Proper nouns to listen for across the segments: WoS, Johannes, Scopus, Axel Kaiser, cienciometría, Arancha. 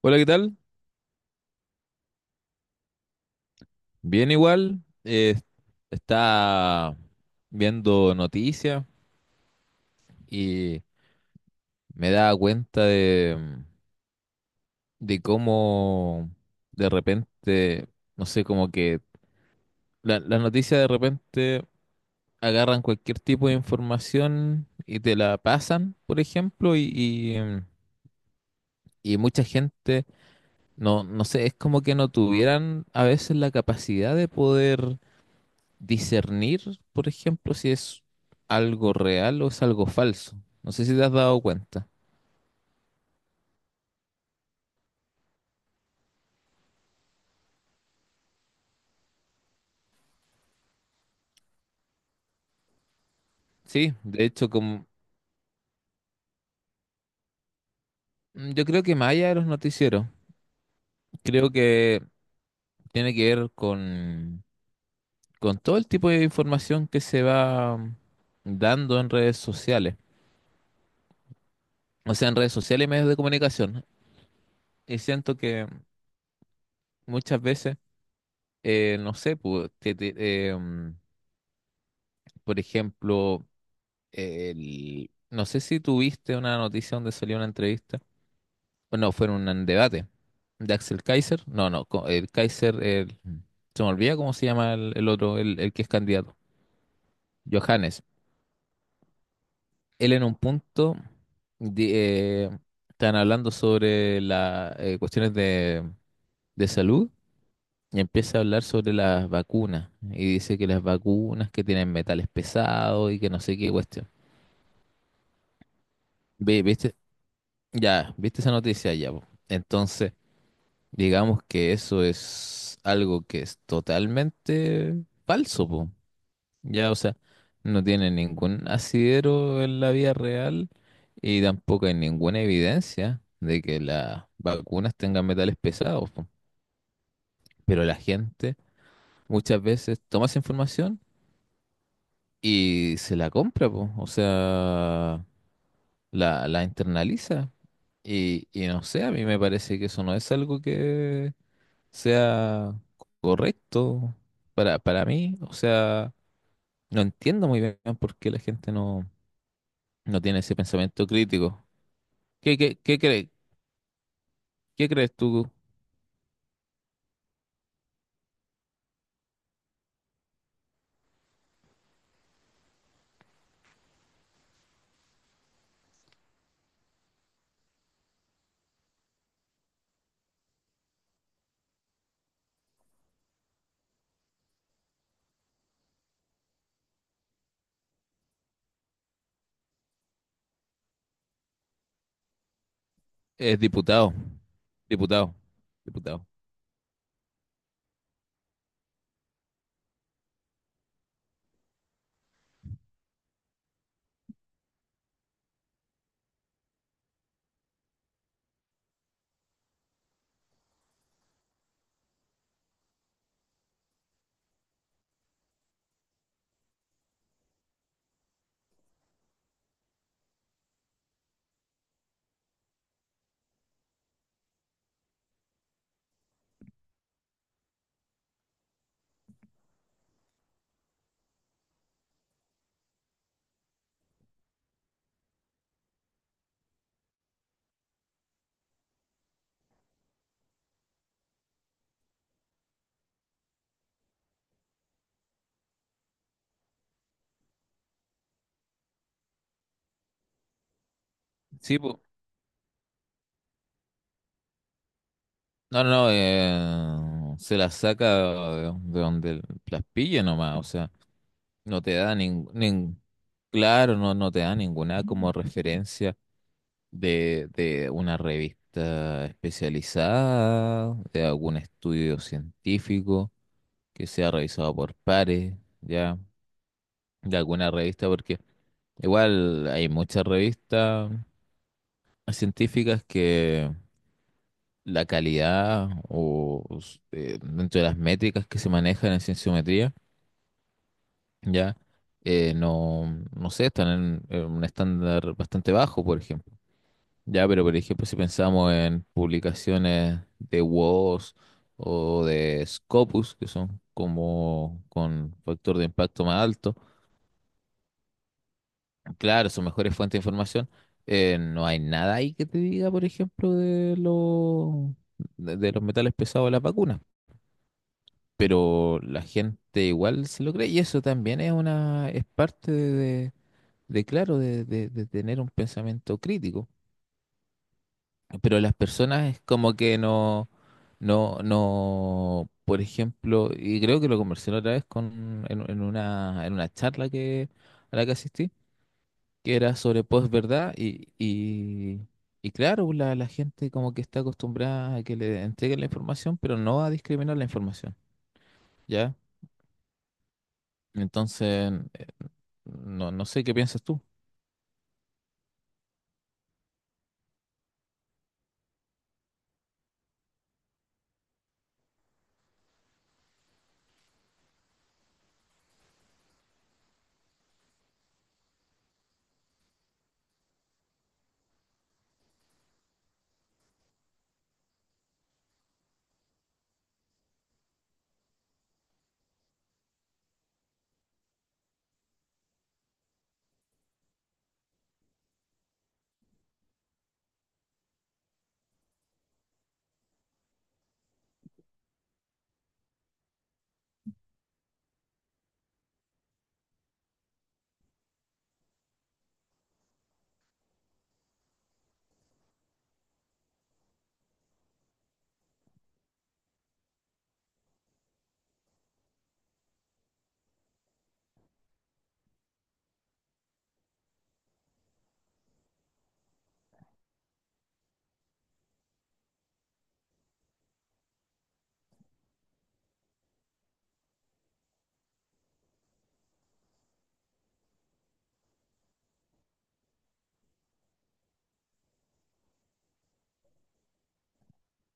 Hola, ¿qué tal? Bien igual. Está viendo noticias y me da cuenta de cómo de repente, no sé, como que las noticias de repente agarran cualquier tipo de información y te la pasan, por ejemplo, y y mucha gente, no sé, es como que no tuvieran a veces la capacidad de poder discernir, por ejemplo, si es algo real o es algo falso. No sé si te has dado cuenta. Sí, de hecho, como mm, yo creo que más allá de los noticieros, creo que tiene que ver con todo el tipo de información que se va dando en redes sociales. O sea, en redes sociales y medios de comunicación. Y siento que muchas veces, no sé, eh, mm, por ejemplo, no sé si tuviste una noticia donde salió una entrevista. No, fueron un debate de Axel Kaiser. No, no, co- El Kaiser, se me olvida cómo se llama el otro, el que es candidato. Johannes. Él, en un punto, di- eh, están hablando sobre las cuestiones de salud y empieza a hablar sobre las vacunas. Y dice que las vacunas que tienen metales pesados y que no sé qué cuestión. ¿Viste? Ya, ¿viste esa noticia ya, po? Entonces, digamos que eso es algo que es totalmente falso, po. Ya, o sea, no tiene ningún asidero en la vida real y tampoco hay ninguna evidencia de que las vacunas tengan metales pesados, po. Pero la gente muchas veces toma esa información y se la compra, po. O sea, la internaliza. Y no sé, a mí me parece que eso no es algo que sea correcto para mí. O sea, no entiendo muy bien por qué la gente no, no tiene ese pensamiento crítico. ¿Qué crees? ¿Qué crees tú? Es diputado. Diputado. Diputado. Sí, po. No, no, no, Se la saca de donde las pille nomás. O sea, no te da ningún... Claro, no te da ninguna como referencia de una revista especializada, de algún estudio científico que sea revisado por pares, ya, de alguna revista, porque igual hay muchas revistas científicas que la calidad dentro de las métricas que se manejan en cienciometría, ya, eh, no, no sé, están en un estándar bastante bajo, por ejemplo. Ya, pero por ejemplo, si pensamos en publicaciones de WoS o de Scopus, que son como con factor de impacto más alto, claro, son mejores fuentes de información. No hay nada ahí que te diga, por ejemplo, de los de los metales pesados de las vacunas, pero la gente igual se lo cree y eso también es una es parte de- claro, de tener un pensamiento crítico. Pero las personas es como que no, por ejemplo, y creo que lo conversé la otra vez en una charla a la que asistí, que era sobre posverdad y claro, la gente como que está acostumbrada a que le entreguen la información, pero no a discriminar la información, ¿ya? Entonces, no, no sé qué piensas tú.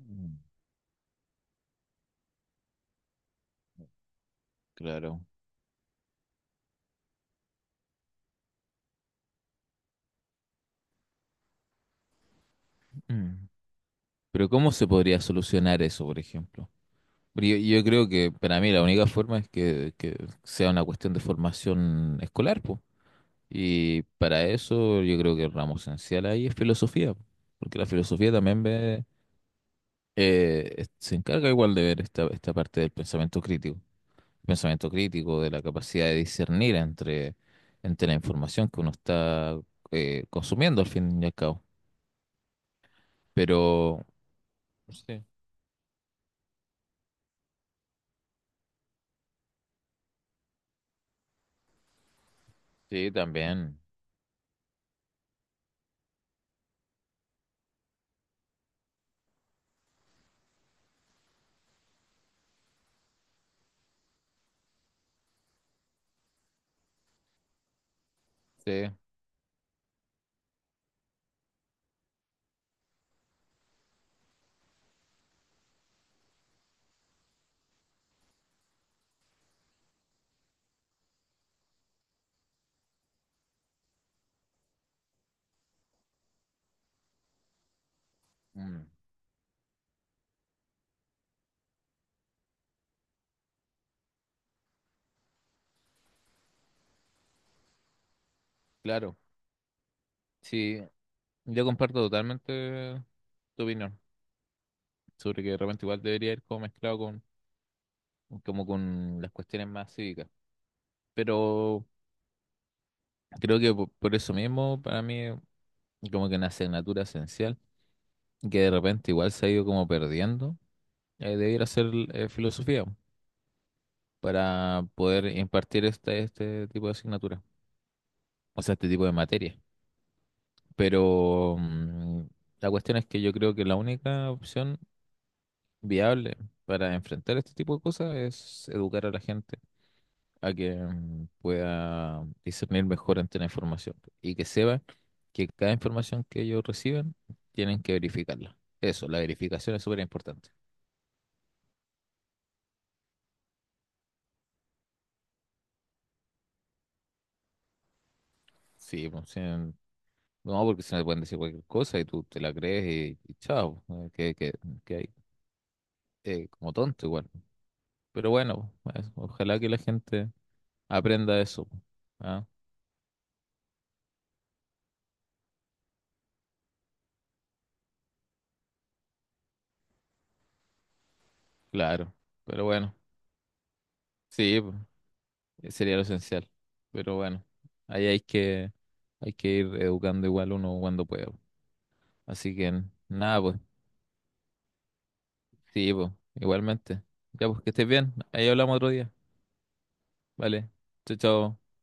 Mm. Claro. Mm. Pero ¿cómo se podría solucionar eso, por ejemplo? Yo creo que para mí la única forma es que sea una cuestión de formación escolar, pues. Y para eso yo creo que el ramo esencial ahí es filosofía, po. Porque la filosofía también ve, se encarga igual de ver esta parte del pensamiento crítico, de la capacidad de discernir entre, entre la información que uno está consumiendo al fin y al cabo. Pero sí, sí, también, sí, mm, claro. Sí, yo comparto totalmente tu opinión sobre que de repente igual debería ir como mezclado con, como con las cuestiones más cívicas. Pero creo que eso mismo, para mí, como que una asignatura esencial, que de repente igual se ha ido como perdiendo, debiera ser filosofía para poder impartir este tipo de asignatura, o sea, este tipo de materia. Pero mm, la cuestión es que yo creo que la única opción viable para enfrentar este tipo de cosas es educar a la gente a que pueda discernir mejor ante la información y que sepan que cada información que ellos reciben tienen que verificarla. Eso, la verificación es súper importante. Sí, pues, sí, no, porque se le pueden decir cualquier cosa y tú te la crees y chao, que hay, como tonto igual. Pero bueno, pues, ojalá que la gente aprenda eso, pues. ¿Ah? Claro, pero bueno, sí, pues. Sería lo esencial. Pero bueno, ahí hay que, hay que ir educando igual uno cuando pueda. Así que nada, pues. Sí, pues. Igualmente. Ya, pues que estés bien. Ahí hablamos otro día. Vale. Chao, chao.